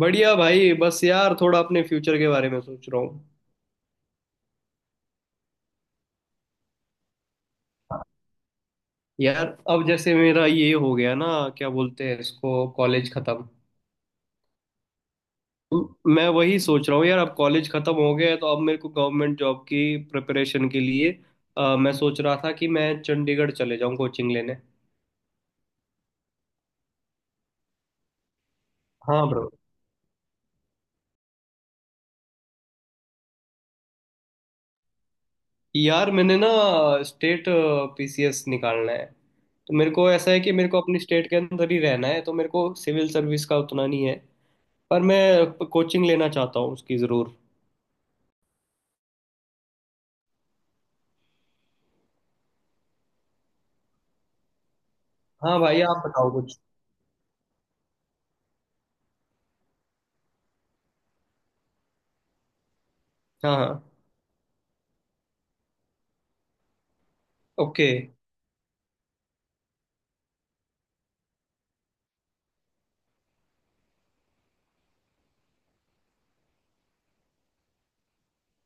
बढ़िया भाई, बस यार थोड़ा अपने फ्यूचर के बारे में सोच रहा हूँ। यार अब जैसे मेरा ये हो गया ना, क्या बोलते हैं इसको, कॉलेज खत्म। मैं वही सोच रहा हूँ यार। अब कॉलेज खत्म हो गया है तो अब मेरे को गवर्नमेंट जॉब की प्रिपरेशन के लिए, मैं सोच रहा था कि मैं चंडीगढ़ चले जाऊँ कोचिंग लेने। हाँ ब्रो। यार मैंने ना स्टेट पीसीएस निकालना है। तो मेरे को ऐसा है कि मेरे को अपनी स्टेट के अंदर ही रहना है, तो मेरे को सिविल सर्विस का उतना नहीं है, पर मैं कोचिंग लेना चाहता हूँ उसकी ज़रूर। हाँ भाई, आप बताओ कुछ। हाँ हाँ। ओके।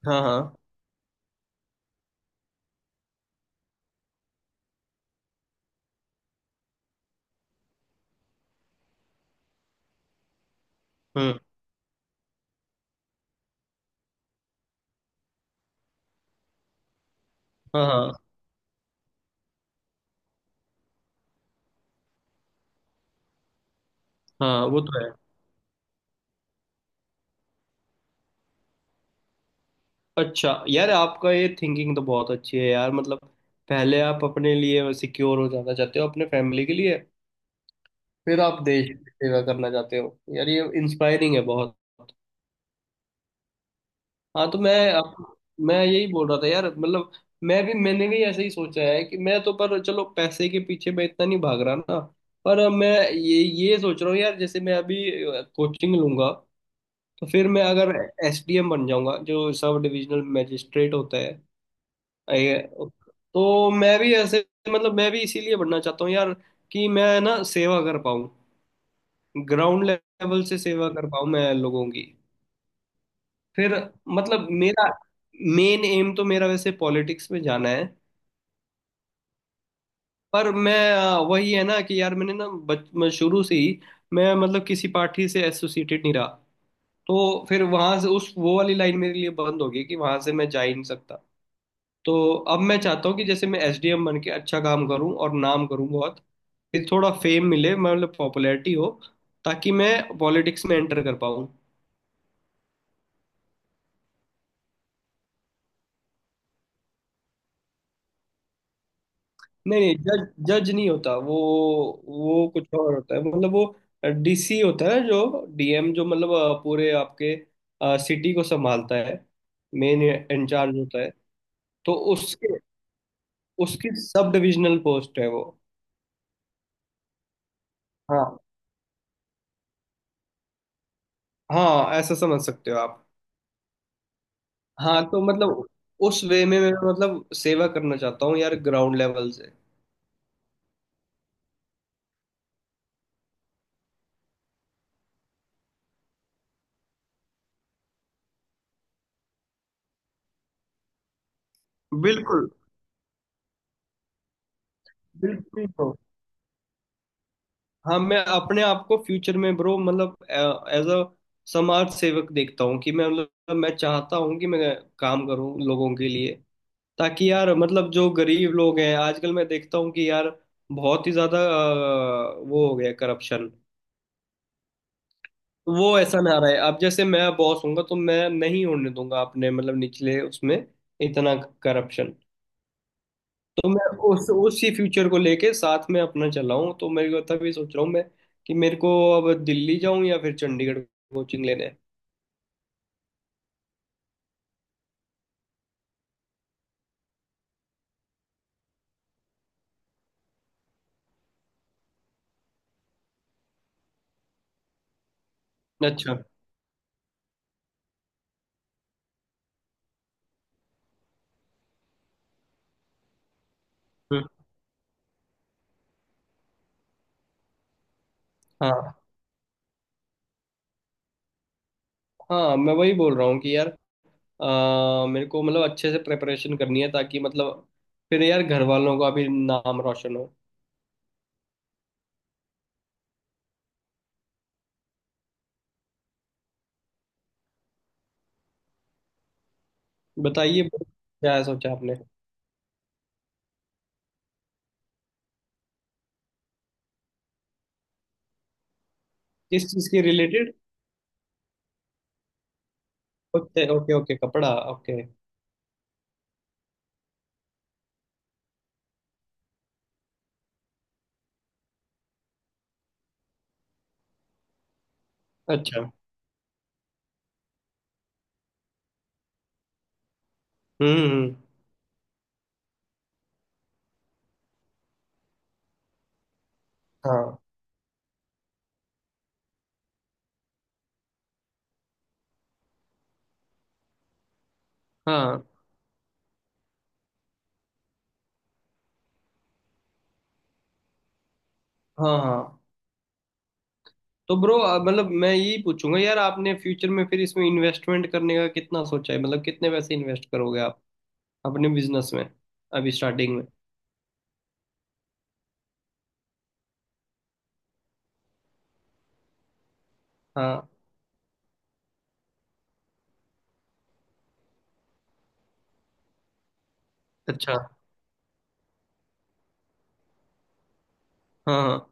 हाँ हाँ। हम्म। हाँ हाँ। हाँ, वो तो है। अच्छा यार, आपका ये थिंकिंग तो बहुत अच्छी है यार, मतलब पहले आप अपने लिए सिक्योर हो जाना चाहते हो, अपने फैमिली के लिए, फिर आप देश की सेवा करना चाहते हो। यार ये इंस्पायरिंग है बहुत। हाँ तो मैं यही बोल रहा था यार, मतलब मैंने भी ऐसे ही सोचा है कि मैं तो, पर चलो पैसे के पीछे मैं इतना नहीं भाग रहा ना। पर मैं ये सोच रहा हूँ यार, जैसे मैं अभी कोचिंग लूंगा तो फिर मैं अगर एसडीएम बन जाऊंगा, जो सब डिविजनल मैजिस्ट्रेट होता है। आई- तो मैं भी ऐसे, मतलब मैं भी इसीलिए बनना चाहता हूँ यार, कि मैं ना सेवा कर पाऊँ, ग्राउंड लेवल से सेवा कर पाऊँ मैं लोगों की। फिर, मतलब मेरा, मेन एम तो मेरा वैसे पॉलिटिक्स में जाना है। पर मैं, वही है ना कि यार मैंने ना बच मैं शुरू से ही, मैं मतलब किसी पार्टी से एसोसिएटेड नहीं रहा। तो फिर वहां से उस वो वाली लाइन मेरे लिए बंद होगी, कि वहां से मैं जा ही नहीं सकता। तो अब मैं चाहता हूँ कि जैसे मैं एसडीएम बन के अच्छा काम करूँ और नाम करूँ बहुत, फिर थोड़ा फेम मिले, मतलब पॉपुलैरिटी हो, ताकि मैं पॉलिटिक्स में एंटर कर पाऊँ। नहीं नहीं, जज जज नहीं होता वो। वो कुछ और होता है, मतलब वो डीसी होता है, जो डीएम, जो मतलब पूरे आपके सिटी को संभालता है, मेन इंचार्ज होता है। तो उसके उसकी सब डिविजनल पोस्ट है वो। हाँ हाँ, ऐसा समझ सकते हो आप। हाँ तो मतलब उस वे में मैं, मतलब सेवा करना चाहता हूँ यार, ग्राउंड लेवल से। बिल्कुल। बिल्कुल bro। हाँ, मैं अपने आप को फ्यूचर में ब्रो, मतलब एज अ समाज सेवक देखता हूँ, कि मैं, मतलब मैं चाहता हूँ कि मैं काम करूँ लोगों के लिए, ताकि यार, मतलब जो गरीब लोग हैं आजकल, मैं देखता हूँ कि यार बहुत ही ज्यादा वो हो गया करप्शन। वो ऐसा ना रहे, अब जैसे मैं बॉस हूंगा तो मैं नहीं होने दूंगा अपने, मतलब निचले उसमें, इतना करप्शन। तो मैं उस उसी फ्यूचर को लेके साथ में अपना चला हूँ, तो मेरे को तब ये सोच रहा हूँ मैं कि मेरे को अब दिल्ली जाऊँ या फिर चंडीगढ़ कोचिंग लेने। अच्छा। हम्म। हाँ हाँ, मैं वही बोल रहा हूँ कि यार मेरे को, मतलब अच्छे से प्रिपरेशन करनी है, ताकि मतलब फिर यार घर वालों का भी नाम रोशन हो। बताइए क्या सोचा आपने। किस चीज़ के रिलेटेड। ओके ओके ओके, कपड़ा, ओके। अच्छा। हम्म। हाँ हाँ। हाँ हाँ। तो ब्रो, मतलब मैं यही पूछूंगा यार, आपने फ्यूचर में फिर इसमें इन्वेस्टमेंट करने का कितना सोचा है, मतलब कितने पैसे इन्वेस्ट करोगे आप अपने बिजनेस में, अभी स्टार्टिंग में। हाँ। अच्छा। हाँ हाँ।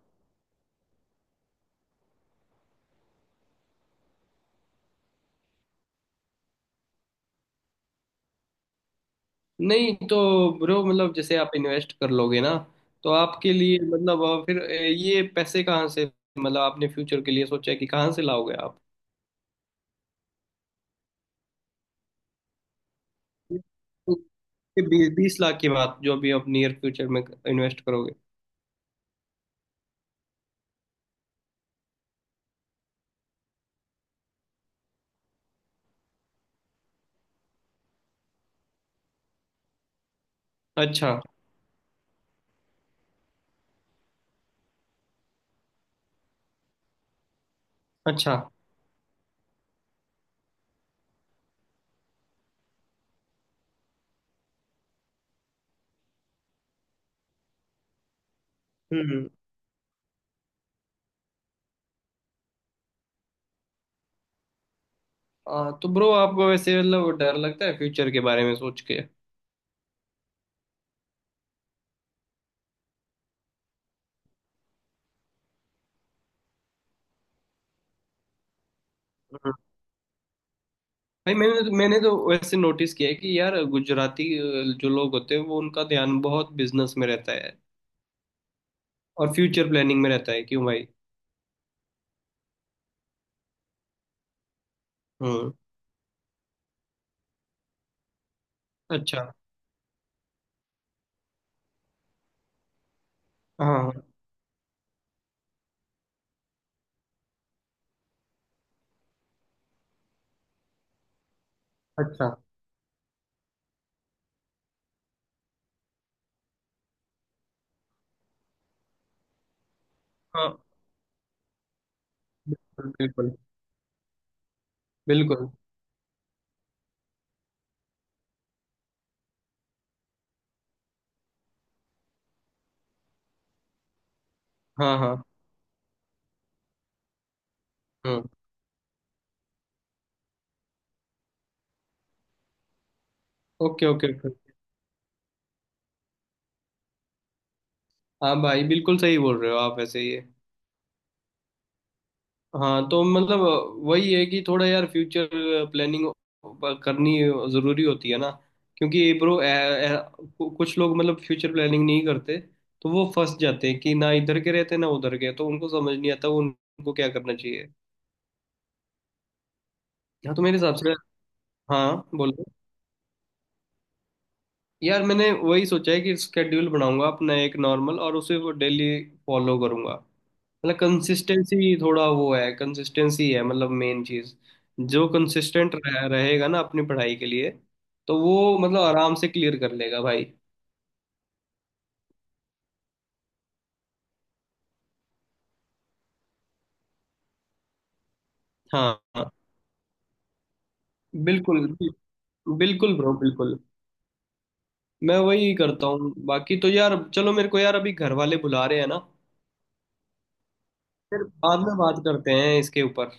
नहीं तो ब्रो, मतलब जैसे आप इन्वेस्ट कर लोगे ना, तो आपके लिए, मतलब फिर ये पैसे कहाँ से, मतलब आपने फ्यूचर के लिए सोचा है कि कहाँ से लाओगे आप। बीस बीस लाख की बात, जो अभी आप नियर फ्यूचर में इन्वेस्ट करोगे। अच्छा। अच्छा। हम्म। हाँ तो ब्रो, आपको वैसे मतलब डर लगता है फ्यूचर के बारे में सोच के। हम्म। भाई, मैंने तो वैसे नोटिस किया है कि यार गुजराती जो लोग होते हैं वो, उनका ध्यान बहुत बिजनेस में रहता है और फ्यूचर प्लानिंग में रहता है, क्यों भाई। हम्म। अच्छा। हाँ हाँ। अच्छा। हाँ बिल्कुल बिल्कुल बिल्कुल। हाँ हाँ। हम्म। Okay okay okay. हाँ भाई, बिल्कुल सही बोल रहे हो आप वैसे ये। हाँ तो मतलब वही है कि थोड़ा यार फ्यूचर प्लानिंग करनी ज़रूरी होती है ना, क्योंकि ब्रो कुछ लोग मतलब फ्यूचर प्लानिंग नहीं करते, तो वो फंस जाते हैं कि ना इधर के रहते ना उधर के, तो उनको समझ नहीं आता वो उनको क्या करना चाहिए। हाँ तो मेरे हिसाब से। हाँ बोलो। यार मैंने वही सोचा है कि स्केड्यूल बनाऊंगा अपना एक नॉर्मल, और उसे वो डेली फॉलो करूंगा, मतलब कंसिस्टेंसी, थोड़ा वो है कंसिस्टेंसी है, मतलब मेन चीज। जो कंसिस्टेंट रहेगा ना अपनी पढ़ाई के लिए, तो वो मतलब आराम से क्लियर कर लेगा भाई। हाँ हाँ। बिल्कुल। बिल्कुल ब्रो, बिल्कुल। मैं वही करता हूँ, बाकी तो यार चलो, मेरे को यार अभी घर वाले बुला रहे हैं ना। फिर बाद में बात करते हैं इसके ऊपर।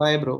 Bye bro.